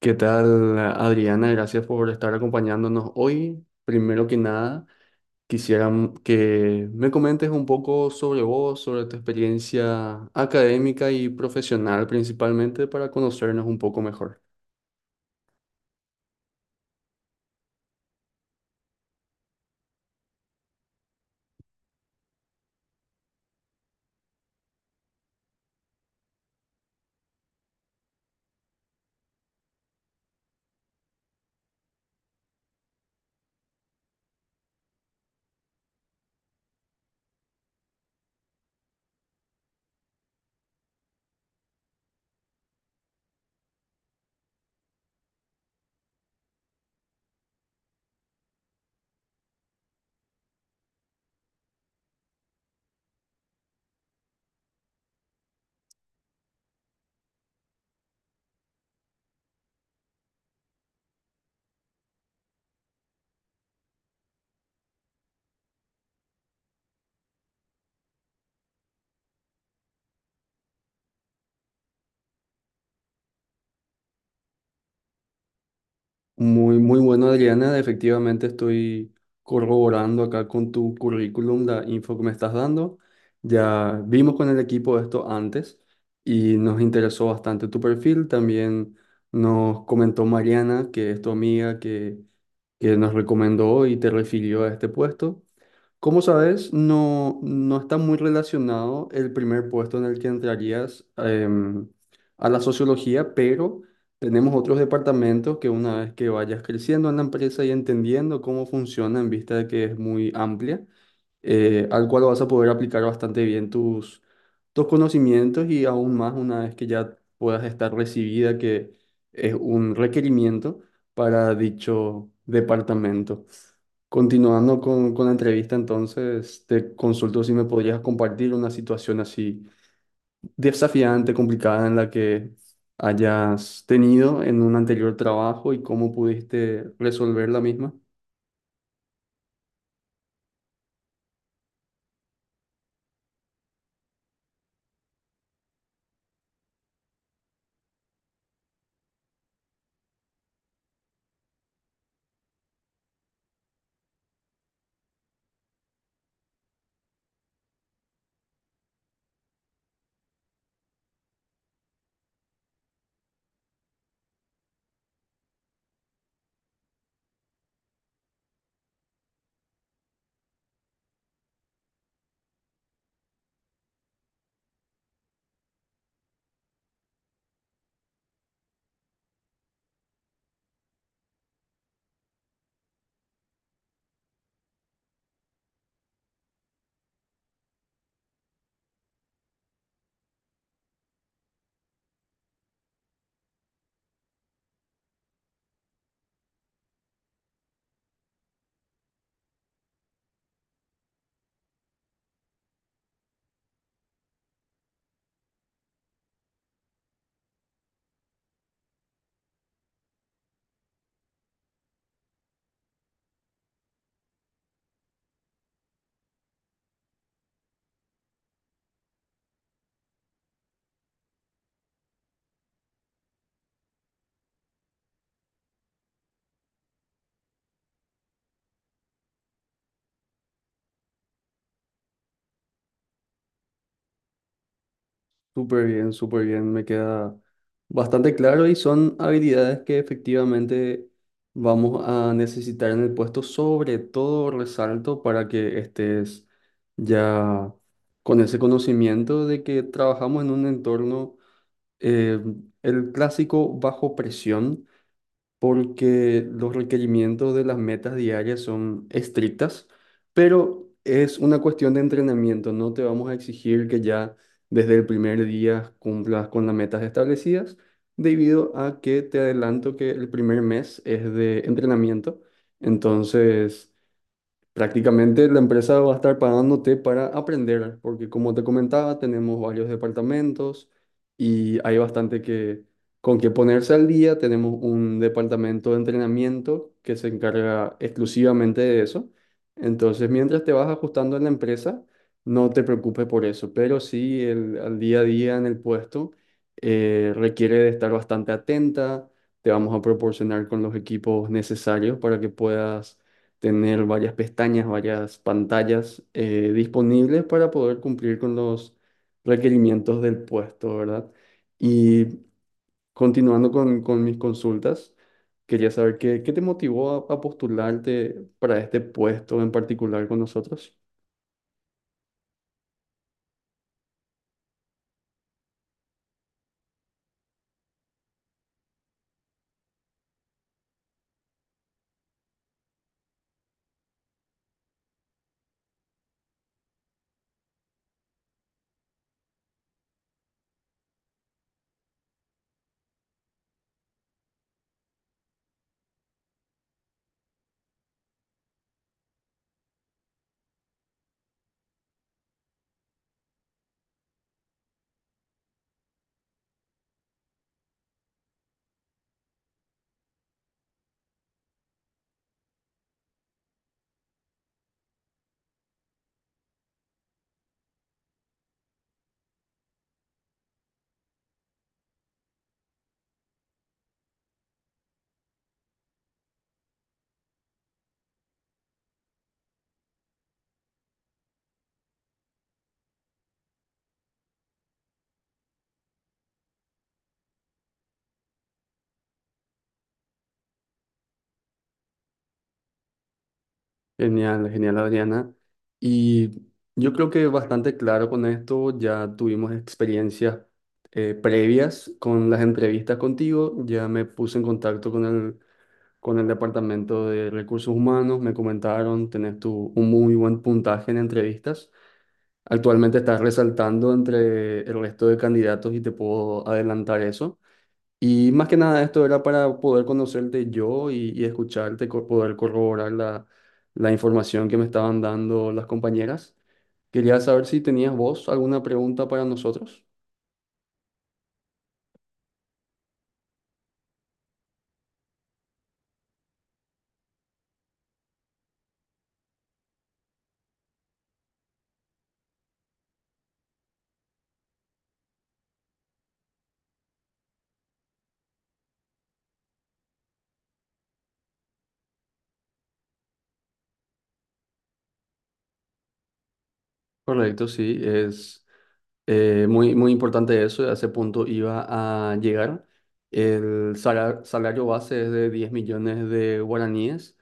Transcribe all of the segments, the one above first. ¿Qué tal, Adriana? Gracias por estar acompañándonos hoy. Primero que nada, quisiera que me comentes un poco sobre vos, sobre tu experiencia académica y profesional principalmente para conocernos un poco mejor. Muy, muy bueno, Adriana. Efectivamente, estoy corroborando acá con tu currículum la info que me estás dando. Ya vimos con el equipo esto antes y nos interesó bastante tu perfil. También nos comentó Mariana, que es tu amiga, que nos recomendó y te refirió a este puesto. Como sabes, no está muy relacionado el primer puesto en el que entrarías a la sociología, pero tenemos otros departamentos que una vez que vayas creciendo en la empresa y entendiendo cómo funciona en vista de que es muy amplia, al cual vas a poder aplicar bastante bien tus conocimientos y aún más una vez que ya puedas estar recibida, que es un requerimiento para dicho departamento. Continuando con la entrevista, entonces te consulto si me podrías compartir una situación así desafiante, complicada en la que hayas tenido en un anterior trabajo y cómo pudiste resolver la misma. Súper bien, me queda bastante claro y son habilidades que efectivamente vamos a necesitar en el puesto, sobre todo resalto para que estés ya con ese conocimiento de que trabajamos en un entorno, eh, el clásico bajo presión, porque los requerimientos de las metas diarias son estrictas, pero es una cuestión de entrenamiento. No te vamos a exigir que ya desde el primer día cumplas con las metas establecidas, debido a que te adelanto que el primer mes es de entrenamiento. Entonces, prácticamente la empresa va a estar pagándote para aprender, porque como te comentaba, tenemos varios departamentos y hay bastante que con que ponerse al día. Tenemos un departamento de entrenamiento que se encarga exclusivamente de eso. Entonces, mientras te vas ajustando en la empresa, no te preocupes por eso, pero sí al día a día en el puesto requiere de estar bastante atenta. Te vamos a proporcionar con los equipos necesarios para que puedas tener varias pestañas, varias pantallas disponibles para poder cumplir con los requerimientos del puesto, ¿verdad? Y continuando con mis consultas, quería saber qué te motivó a postularte para este puesto en particular con nosotros. Genial, genial, Adriana. Y yo creo que bastante claro con esto, ya tuvimos experiencias previas con las entrevistas contigo, ya me puse en contacto con el departamento de recursos humanos, me comentaron, un muy buen puntaje en entrevistas. Actualmente estás resaltando entre el resto de candidatos y te puedo adelantar eso. Y más que nada esto era para poder conocerte yo y escucharte, poder corroborar la información que me estaban dando las compañeras. Quería saber si tenías vos alguna pregunta para nosotros. Correcto, sí, es muy, muy importante eso, a ese punto iba a llegar. El salario base es de 10 millones de guaraníes.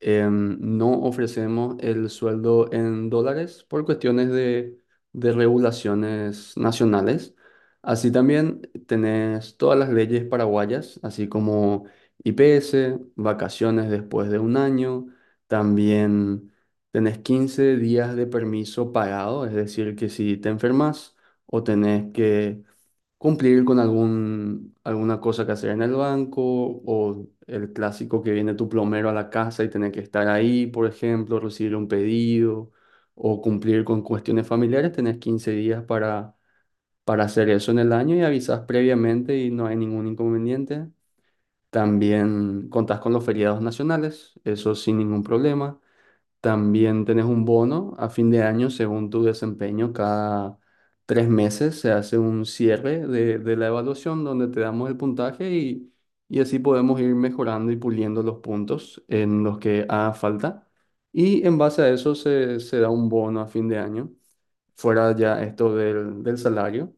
No ofrecemos el sueldo en dólares por cuestiones de regulaciones nacionales. Así también tenés todas las leyes paraguayas, así como IPS, vacaciones después de un año. También tenés 15 días de permiso pagado, es decir, que si te enfermas o tenés que cumplir con alguna cosa que hacer en el banco o el clásico que viene tu plomero a la casa y tenés que estar ahí, por ejemplo, recibir un pedido o cumplir con cuestiones familiares, tenés 15 días para hacer eso en el año y avisás previamente y no hay ningún inconveniente. También contás con los feriados nacionales, eso sin ningún problema. También tenés un bono a fin de año según tu desempeño. Cada 3 meses se hace un cierre de la evaluación donde te damos el puntaje y así podemos ir mejorando y puliendo los puntos en los que haga falta. Y en base a eso se da un bono a fin de año, fuera ya esto del salario.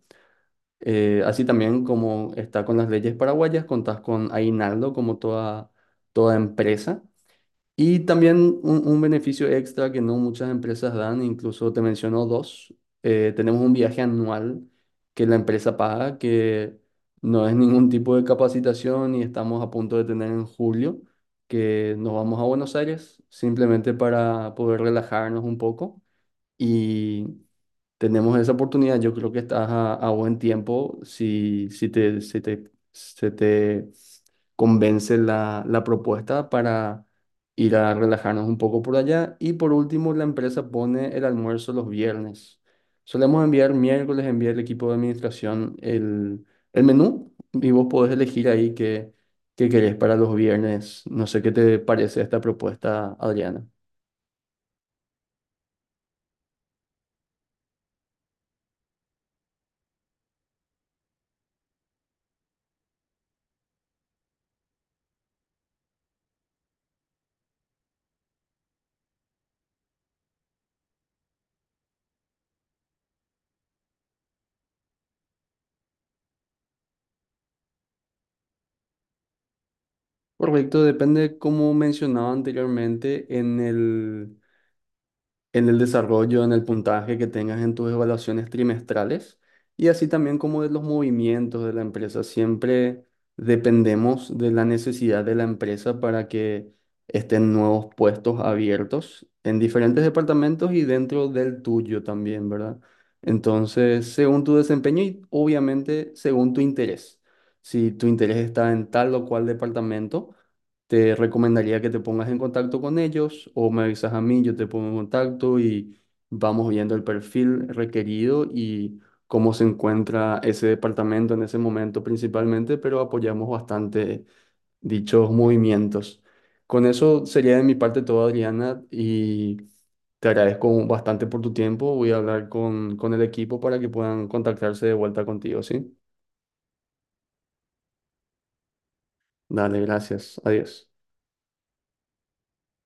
Así también como está con las leyes paraguayas, contás con aguinaldo como toda, toda empresa. Y también un beneficio extra que no muchas empresas dan, incluso te menciono dos. Tenemos un viaje anual que la empresa paga, que no es ningún tipo de capacitación y estamos a punto de tener en julio, que nos vamos a Buenos Aires simplemente para poder relajarnos un poco. Y tenemos esa oportunidad, yo creo que estás a buen tiempo si se te convence la propuesta para ir a relajarnos un poco por allá. Y por último, la empresa pone el almuerzo los viernes. Solemos enviar miércoles, enviar el equipo de administración el menú y vos podés elegir ahí qué querés para los viernes. No sé qué te parece esta propuesta, Adriana. Correcto, depende, como mencionaba anteriormente, en en el desarrollo, en el puntaje que tengas en tus evaluaciones trimestrales y así también como de los movimientos de la empresa. Siempre dependemos de la necesidad de la empresa para que estén nuevos puestos abiertos en diferentes departamentos y dentro del tuyo también, ¿verdad? Entonces, según tu desempeño y obviamente según tu interés. Si tu interés está en tal o cual departamento, te recomendaría que te pongas en contacto con ellos o me avisas a mí, yo te pongo en contacto y vamos viendo el perfil requerido y cómo se encuentra ese departamento en ese momento principalmente, pero apoyamos bastante dichos movimientos. Con eso sería de mi parte todo, Adriana, y te agradezco bastante por tu tiempo. Voy a hablar con el equipo para que puedan contactarse de vuelta contigo, ¿sí? Dale, gracias. Adiós.